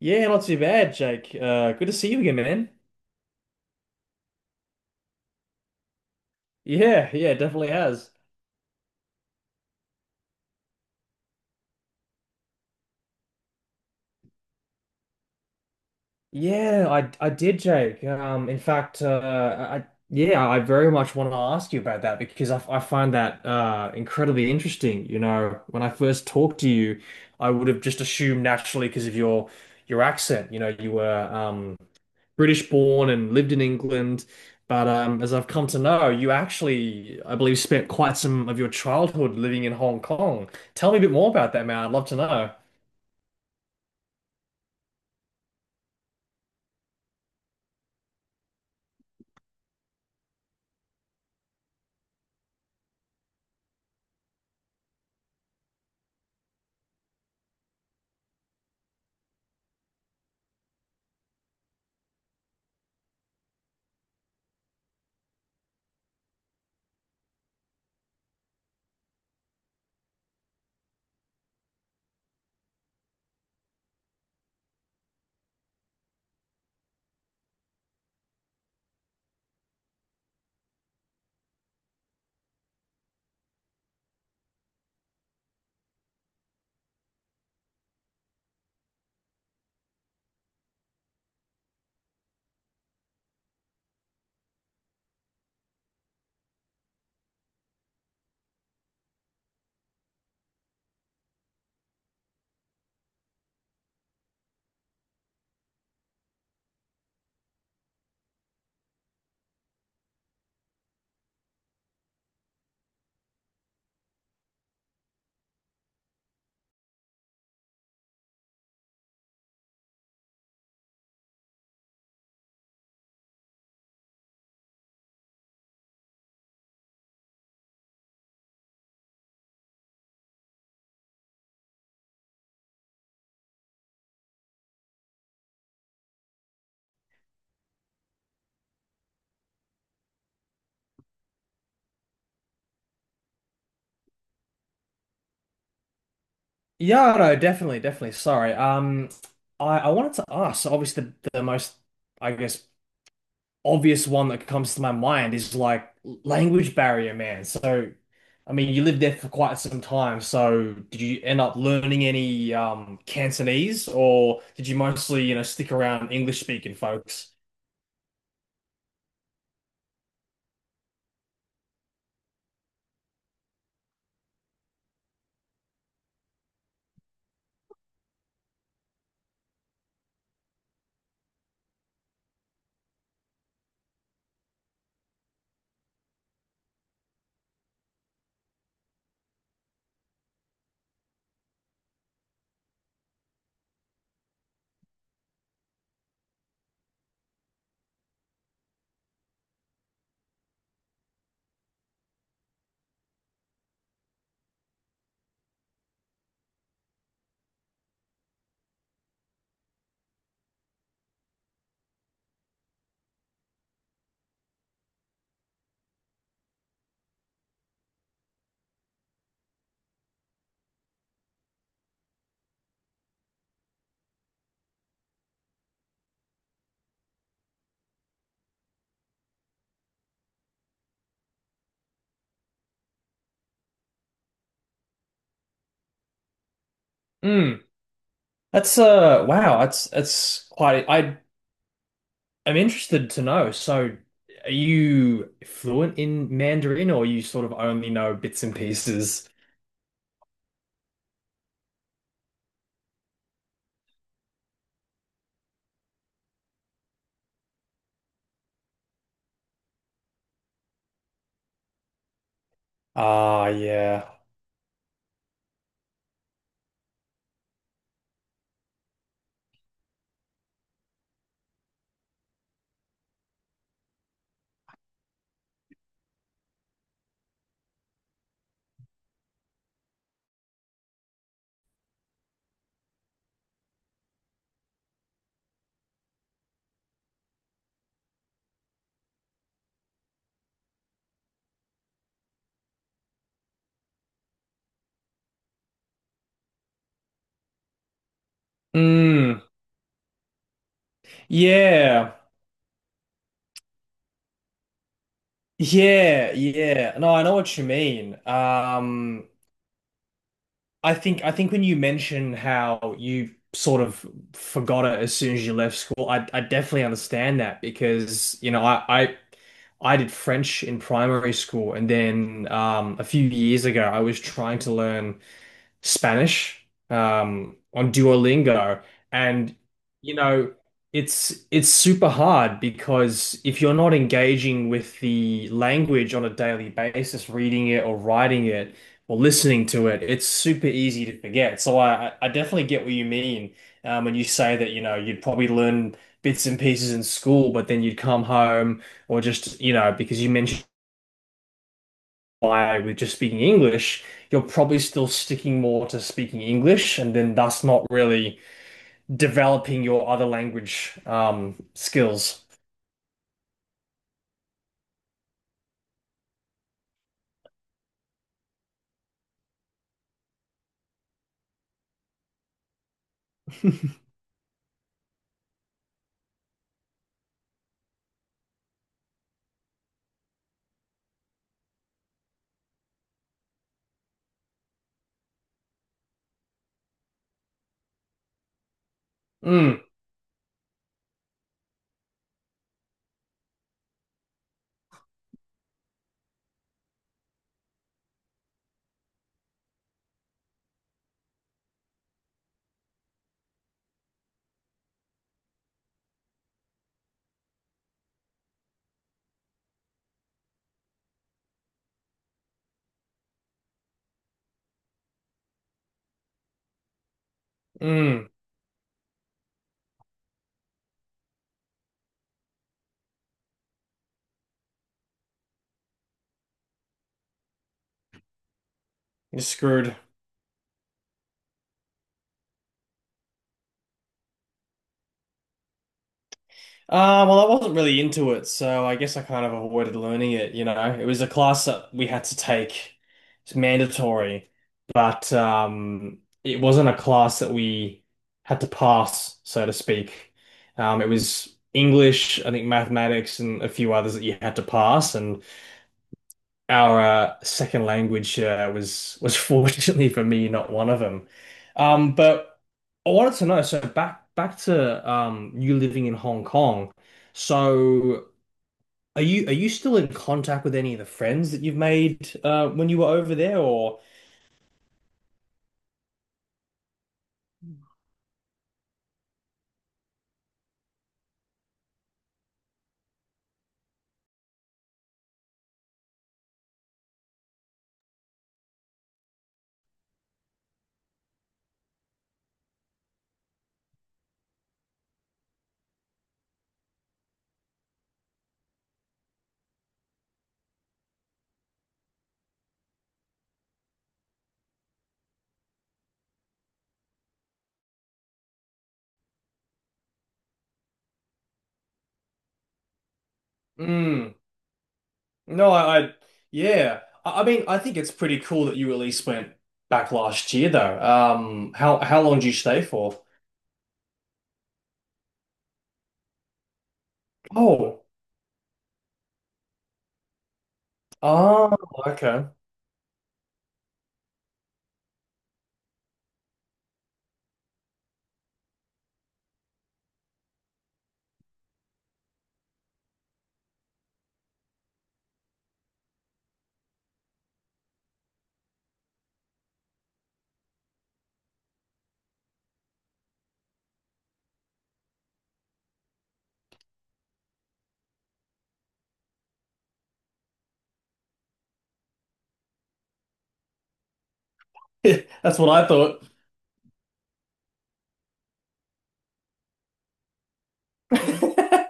Yeah, not too bad, Jake. Good to see you again, man. Yeah, yeah, definitely has. Yeah, I did, Jake. In fact, I yeah, I very much want to ask you about that because I find that incredibly interesting. You know, when I first talked to you, I would have just assumed naturally because of your accent, you know, you were British born and lived in England. But as I've come to know, you actually, I believe, spent quite some of your childhood living in Hong Kong. Tell me a bit more about that, man. I'd love to know. Yeah, no, definitely, definitely. Sorry. I wanted to ask, so obviously the most, I guess, obvious one that comes to my mind is like language barrier, man. So, I mean, you lived there for quite some time. So, did you end up learning any Cantonese, or did you mostly, you know, stick around English speaking folks? Mm, that's wow, that's quite. I I'm interested to know. So, are you fluent in Mandarin, or you sort of only know bits and pieces? Ah, yeah. Mm, yeah. Yeah, yeah. No, I know what you mean. I think when you mention how you sort of forgot it as soon as you left school, I definitely understand that because, you know, I did French in primary school and then a few years ago I was trying to learn Spanish on Duolingo, and you know it's super hard because if you're not engaging with the language on a daily basis, reading it or writing it or listening to it, it's super easy to forget. So I definitely get what you mean when you say that you know you'd probably learn bits and pieces in school, but then you'd come home or just you know because you mentioned why with just speaking English, you're probably still sticking more to speaking English and then thus not really developing your other language skills. Mm, mm, you're screwed. Well, I wasn't really into it, so I guess I kind of avoided learning it, you know. It was a class that we had to take. It's mandatory, but it wasn't a class that we had to pass, so to speak. It was English, I think mathematics and a few others that you had to pass, and our second language was fortunately for me not one of them. But I wanted to know, so back to you living in Hong Kong. So are you still in contact with any of the friends that you've made when you were over there, or? Mm, no, I yeah. I mean, I think it's pretty cool that you at least went back last year, though. How long did you stay for? Oh, oh, okay. That's what I thought. To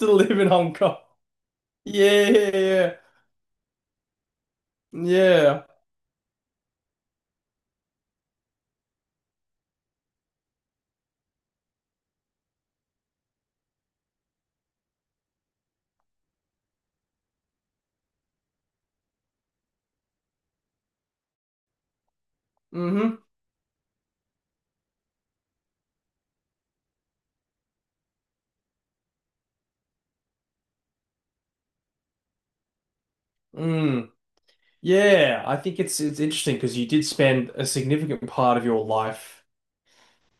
live in Hong Kong. Yeah, yeah, yeah. Yeah. Mm-hmm. Mm. Yeah, I think it's interesting because you did spend a significant part of your life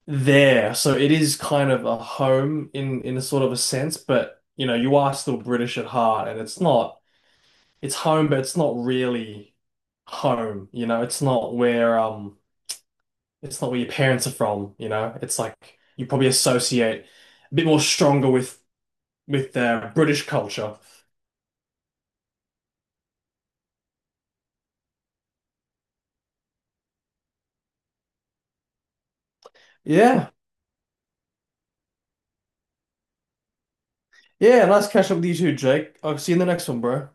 there. So it is kind of a home in a sort of a sense, but you know, you are still British at heart and it's not it's home, but it's not really home, you know, it's not where your parents are from, you know. It's like you probably associate a bit more stronger with their British culture. Yeah, yeah. Nice catch up with you too, Jake. I'll see you in the next one, bro.